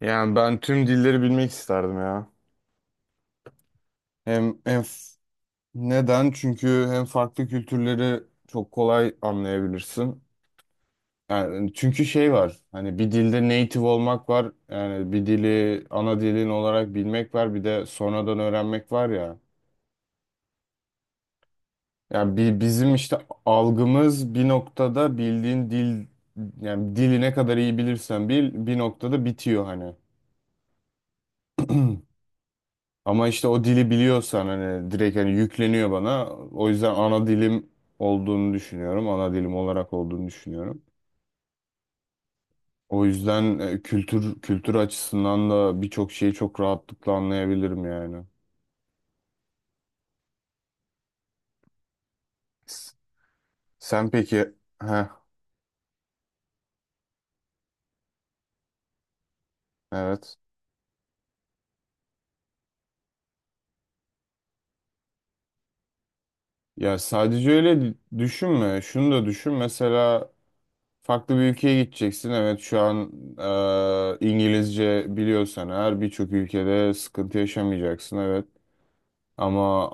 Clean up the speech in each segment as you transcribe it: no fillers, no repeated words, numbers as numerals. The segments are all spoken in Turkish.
Yani ben tüm dilleri bilmek isterdim ya. Hem, hem f- neden? Çünkü hem farklı kültürleri çok kolay anlayabilirsin. Yani hani, çünkü şey var. Hani bir dilde native olmak var. Yani bir dili ana dilin olarak bilmek var. Bir de sonradan öğrenmek var ya. Yani bizim işte algımız bir noktada bildiğin dil, yani dili ne kadar iyi bilirsen bil bir noktada bitiyor hani. Ama işte o dili biliyorsan hani direkt hani yükleniyor bana. O yüzden ana dilim olduğunu düşünüyorum. Ana dilim olarak olduğunu düşünüyorum. O yüzden kültür açısından da birçok şeyi çok rahatlıkla anlayabilirim yani. S- Sen peki heh, evet. Ya sadece öyle düşünme. Şunu da düşün. Mesela farklı bir ülkeye gideceksin. Evet, şu an İngilizce biliyorsan eğer birçok ülkede sıkıntı yaşamayacaksın. Evet. Ama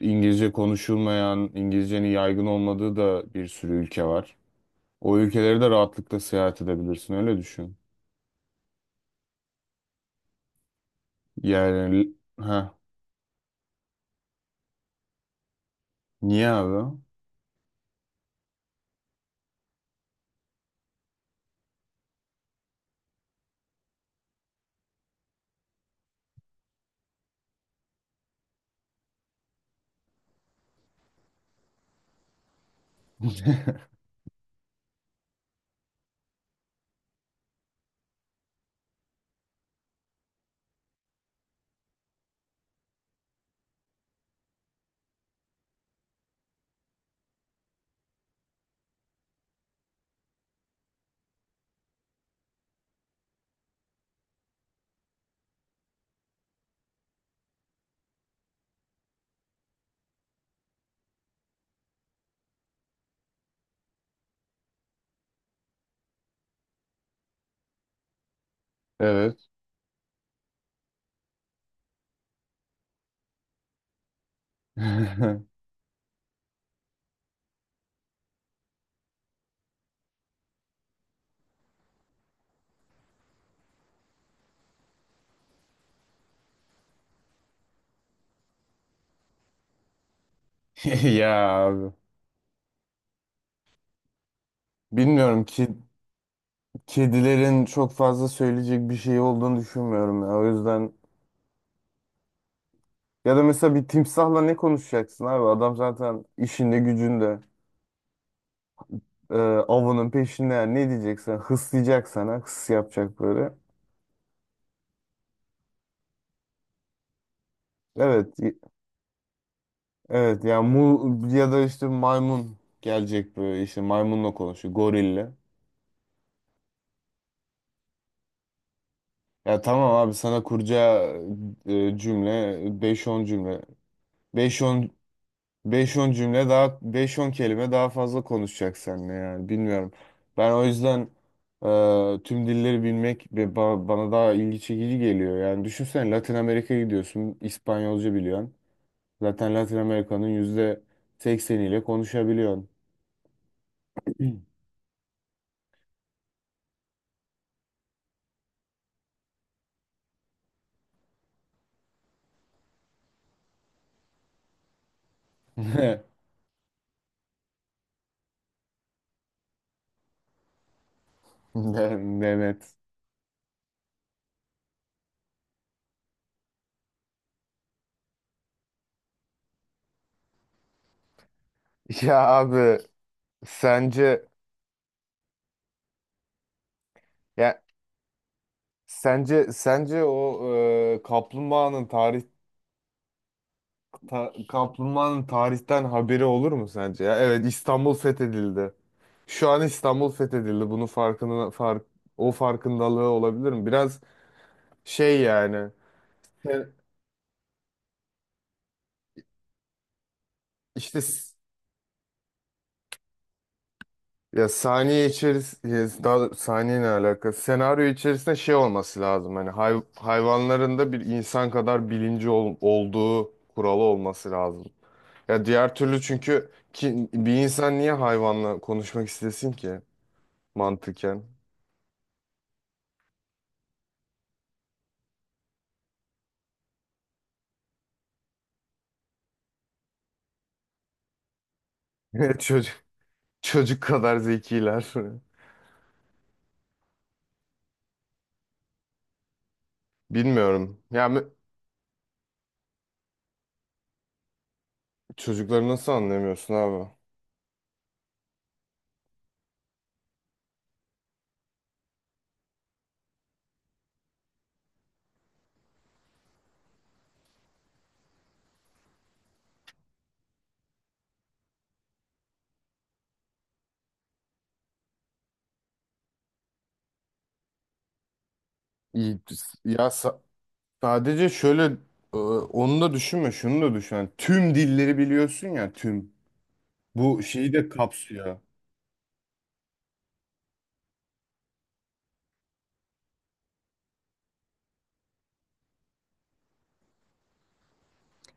İngilizce konuşulmayan, İngilizcenin yaygın olmadığı da bir sürü ülke var. O ülkeleri de rahatlıkla seyahat edebilirsin, öyle düşün. Yani, ha, niye abi? Evet. Ya abi. Bilmiyorum ki kedilerin çok fazla söyleyecek bir şey olduğunu düşünmüyorum ya. O yüzden ya da mesela bir timsahla ne konuşacaksın abi? Adam zaten işinde gücünde avının peşinde, yani ne diyeceksen hıslayacak sana, hıs yapacak böyle. Evet. Evet, ya mu ya da işte maymun gelecek, böyle işte maymunla konuşuyor gorille. Ya tamam abi, sana kuracağı cümle beş on cümle. beş on beş on cümle daha, beş on kelime daha fazla konuşacak seninle, yani bilmiyorum. Ben o yüzden tüm dilleri bilmek bana daha ilgi çekici geliyor. Yani düşünsene, Latin Amerika'ya gidiyorsun, İspanyolca biliyorsun. Zaten Latin Amerika'nın %80'iyle konuşabiliyorsun. Mehmet. Ya abi, sence ya o e, kaplumbağanın tarih kaplumbağanın tarihten haberi olur mu sence? Ya evet, İstanbul fethedildi. Şu an İstanbul fethedildi. Bunun farkına fark o farkındalığı olabilir mi? Biraz şey yani. Sen- İşte. Ya, saniye içerisinde, daha doğrusu saniye ne alaka? Senaryo içerisinde şey olması lazım. Hani hayvanların da bir insan kadar bilinci olduğu kuralı olması lazım. Ya diğer türlü, çünkü ki, bir insan niye hayvanla konuşmak istesin ki mantıken? Çocuk çocuk kadar zekiler. Bilmiyorum. Çocukları nasıl anlamıyorsun abi? İyi, ya sa- sadece şöyle onu da düşünme, şunu da düşün. Yani tüm dilleri biliyorsun ya, tüm. Bu şeyi de kapsıyor.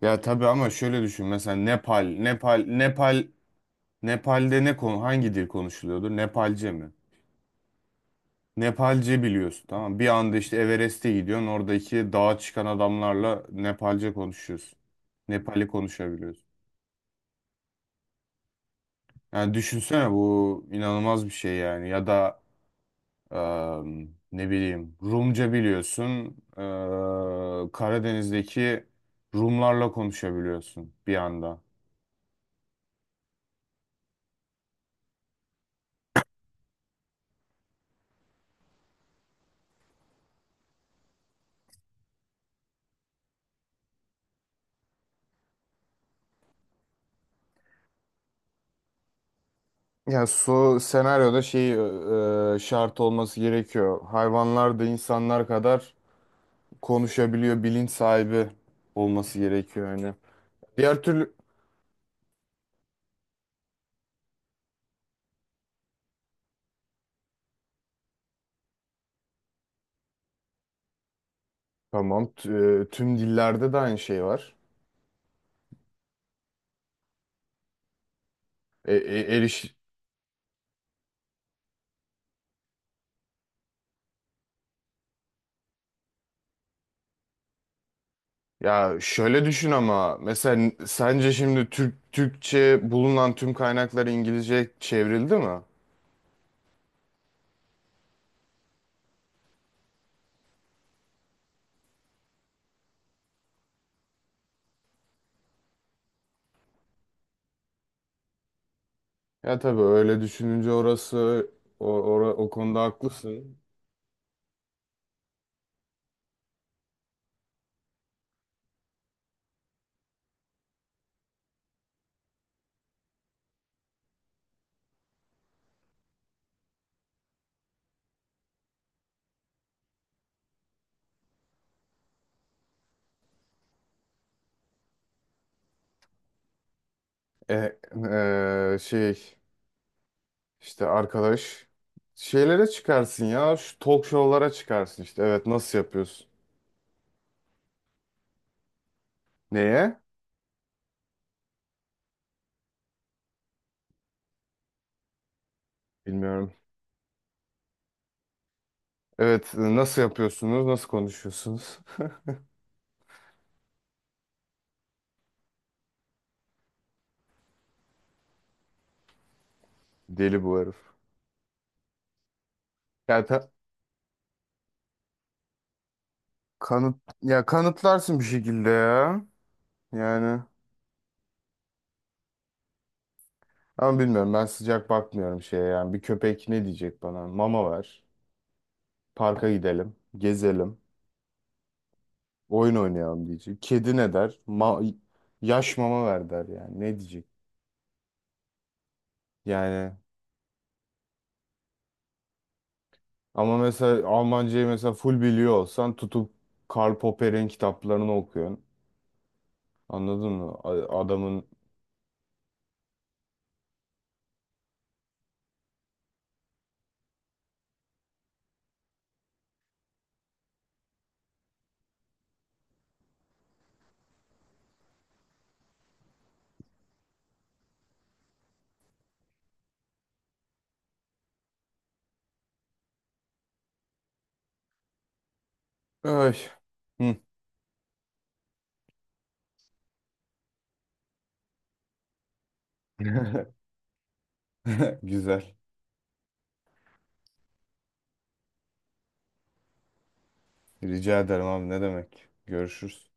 Ya tabii, ama şöyle düşün, mesela Nepal'de ne konu hangi dil konuşuluyordur? Nepalce mi? Nepalce biliyorsun, tamam mı? Bir anda işte Everest'e gidiyorsun. Oradaki dağa çıkan adamlarla Nepalce konuşuyorsun. Nepali konuşabiliyorsun. Yani düşünsene, bu inanılmaz bir şey yani. Ya da ne bileyim Rumca biliyorsun. Karadeniz'deki Rumlarla konuşabiliyorsun bir anda. Yani su senaryoda şey şart olması gerekiyor. Hayvanlar da insanlar kadar konuşabiliyor, bilinç sahibi olması gerekiyor yani. Diğer türlü tamam, tüm dillerde de aynı şey var. E, e, eriş ya şöyle düşün ama, mesela sence şimdi Türkçe bulunan tüm kaynaklar İngilizce çevrildi mi? Ya tabii, öyle düşününce o konuda haklısın. E, e, şey İşte arkadaş, şeylere çıkarsın ya, şu talk show'lara çıkarsın işte, evet, nasıl yapıyorsun? Neye? Bilmiyorum. Evet, nasıl yapıyorsunuz? Nasıl konuşuyorsunuz? Deli bu herif. Ya ta- kanıt ya kanıtlarsın bir şekilde ya. Yani, ama bilmiyorum, ben sıcak bakmıyorum şeye yani, bir köpek ne diyecek bana? Mama ver. Parka gidelim, gezelim, oyun oynayalım diyecek. Kedi ne der? Yaş mama ver der yani. Ne diyecek? Yani. Ama mesela Almancayı mesela full biliyor olsan tutup Karl Popper'in kitaplarını okuyorsun. Anladın mı? Adamın... Ay. Hı. Güzel. Rica ederim abi, ne demek. Görüşürüz.